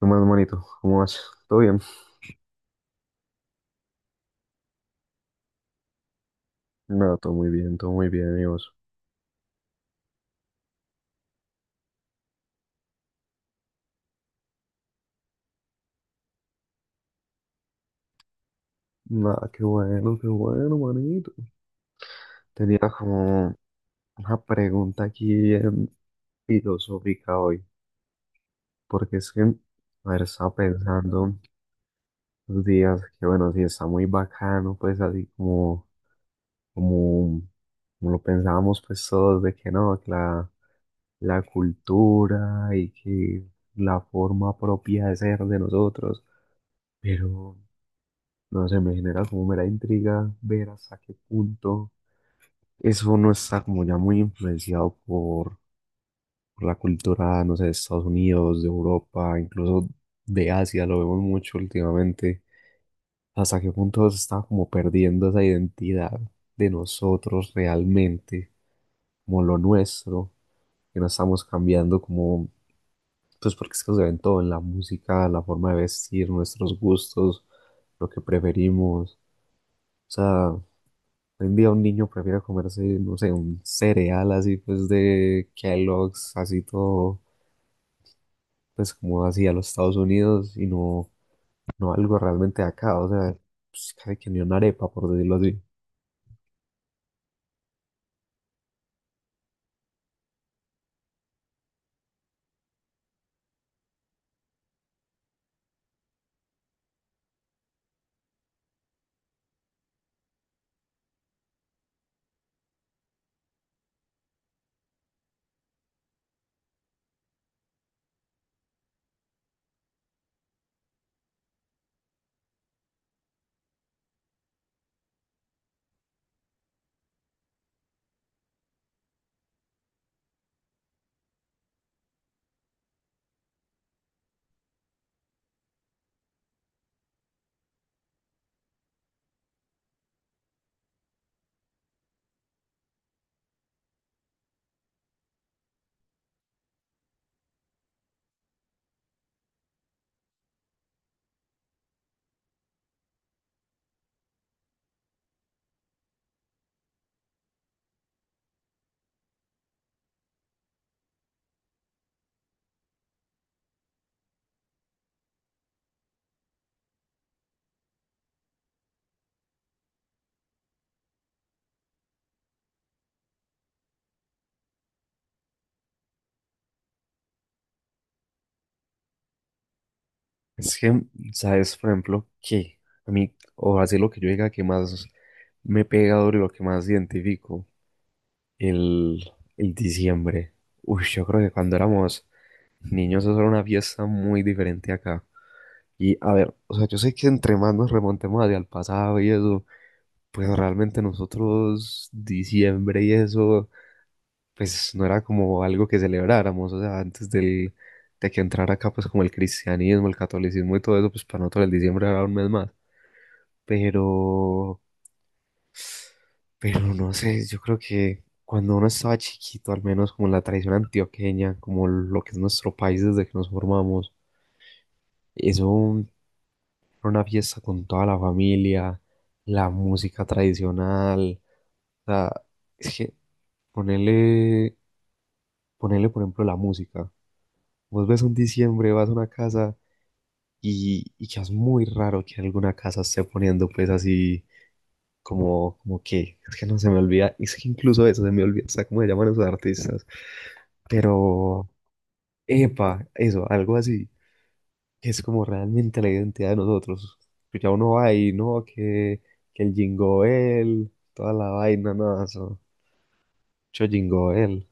¿Qué más, manito? ¿Cómo vas? ¿Todo bien? Nada, todo muy bien, amigos. Nada, qué bueno, manito. Tenía como una pregunta aquí bien filosófica hoy, porque es que, a ver, estaba pensando los días que, bueno, sí está muy bacano, pues así como, como lo pensábamos, pues todos, de que no, que la cultura y que la forma propia de ser de nosotros. Pero no sé, me genera como mera intriga ver hasta qué punto eso no está como ya muy influenciado por la cultura, no sé, de Estados Unidos, de Europa, incluso de Asia, lo vemos mucho últimamente. Hasta qué punto se está como perdiendo esa identidad de nosotros realmente, como lo nuestro, que no estamos cambiando como, pues porque es que se ve todo, en la música, la forma de vestir, nuestros gustos, lo que preferimos. O sea, hoy en día un niño prefiere comerse, no sé, un cereal así pues de Kellogg's, así todo, pues como así a los Estados Unidos y no, no algo realmente de acá, o sea, pues casi que ni una arepa, por decirlo así. Es que, ¿sabes? Por ejemplo, que a mí, o así lo que yo diga que más me pega duro y lo que más identifico, el, el diciembre. Uy, yo creo que cuando éramos niños eso era una fiesta muy diferente acá. Y a ver, o sea, yo sé que entre más nos remontemos hacia el pasado y eso, pues realmente nosotros, diciembre y eso, pues no era como algo que celebráramos, o sea, antes de que entrara acá, pues como el cristianismo, el catolicismo y todo eso, pues para nosotros el diciembre era un mes más. Pero, pero no sé, yo creo que cuando uno estaba chiquito, al menos como la tradición antioqueña, como lo que es nuestro país desde que nos formamos, eso era una fiesta con toda la familia, la música tradicional. O sea, es que ponerle, ponerle, por ejemplo, la música. Vos ves un diciembre, vas a una casa y ya es muy raro que alguna casa esté poniendo pues así como, que, es que no se me olvida, es que incluso eso se me olvida, o sea, cómo se llaman esos artistas. Pero, epa, eso, algo así, es como realmente la identidad de nosotros. Que ya uno va ahí, ¿no? Que el Jingoel, toda la vaina, nada, eso. Yo Jingoel,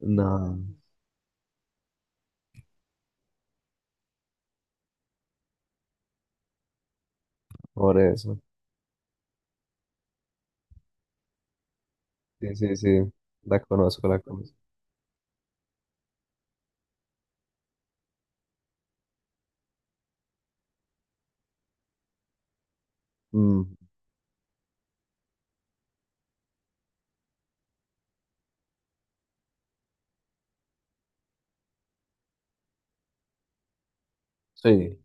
nada, por eso. Sí, sí, sí, la conozco, la conozco. Mm, sí,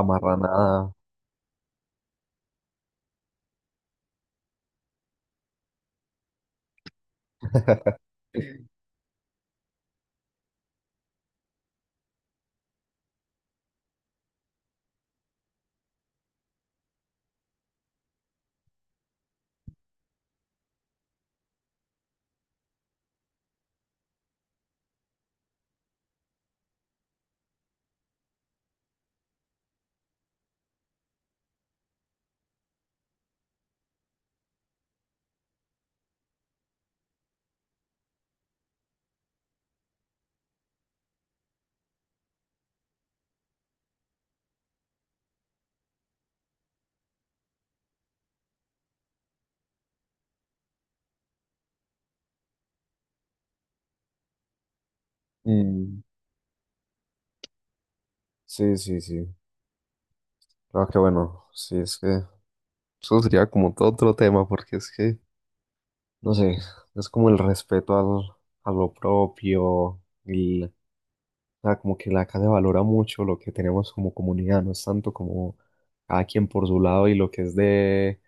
amarranada. Mm, sí, sí, sí. Claro que bueno, sí, es que eso sería como todo otro tema, porque es que, no sé, es como el respeto a lo propio, o sea, como que la casa valora mucho lo que tenemos como comunidad, no es tanto como cada quien por su lado y lo que es de,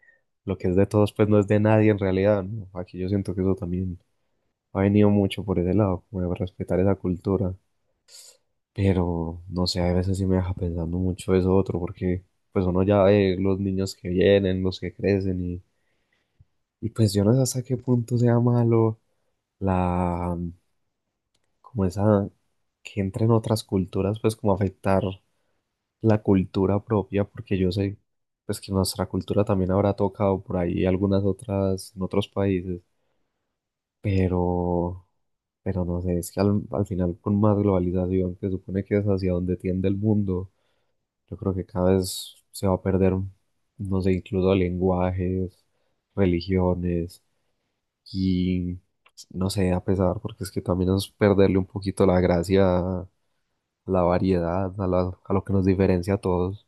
lo que es de todos, pues no es de nadie en realidad, ¿no? Aquí yo siento que eso también ha venido mucho por ese lado, como de respetar esa cultura. Pero no sé, a veces sí me deja pensando mucho eso otro, porque pues uno ya ve los niños que vienen, los que crecen, y pues yo no sé hasta qué punto sea malo la, como esa, que entre en otras culturas, pues como afectar la cultura propia, porque yo sé pues que nuestra cultura también habrá tocado por ahí algunas otras en otros países, pero pero no sé, es que al final con más globalización, que supone que es hacia donde tiende el mundo, yo creo que cada vez se va a perder, no sé, incluso lenguajes, religiones y no sé, a pesar, porque es que también es perderle un poquito la gracia a la variedad, a lo que nos diferencia a todos.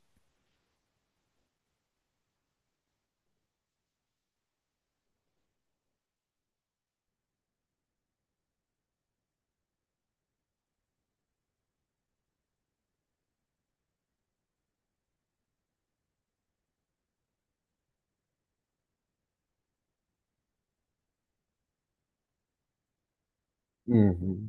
Ujú,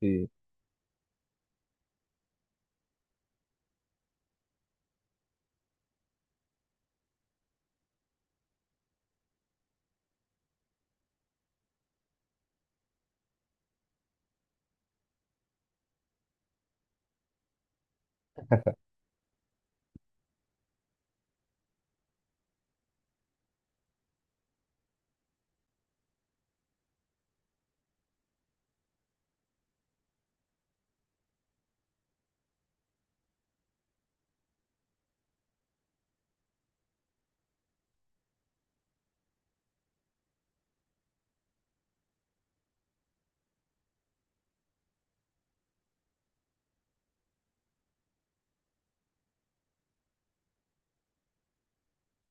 sí.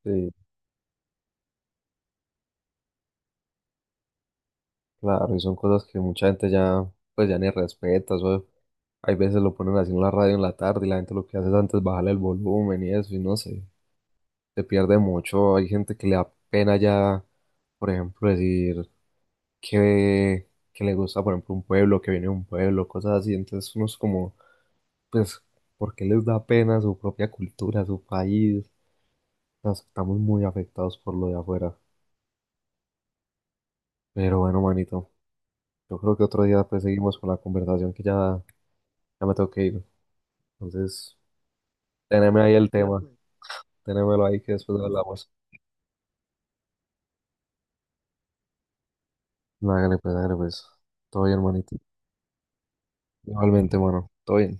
Sí, claro, y son cosas que mucha gente ya, pues ya ni respeta, eso, hay veces lo ponen así en la radio en la tarde y la gente lo que hace es antes bajarle el volumen y eso, y no sé, se pierde mucho, hay gente que le da pena ya, por ejemplo, decir que le gusta, por ejemplo, un pueblo, que viene de un pueblo, cosas así, entonces uno es como, pues, ¿por qué les da pena su propia cultura, su país? Nos estamos muy afectados por lo de afuera, pero bueno, manito, yo creo que otro día pues seguimos con la conversación que ya. Me tengo que ir. Entonces, teneme ahí el tema, pues. Tenémelo ahí que después lo, listo, hablamos. Hágale pues, hágale pues. Todo bien, hermanito. Igualmente, mano. Todo bien.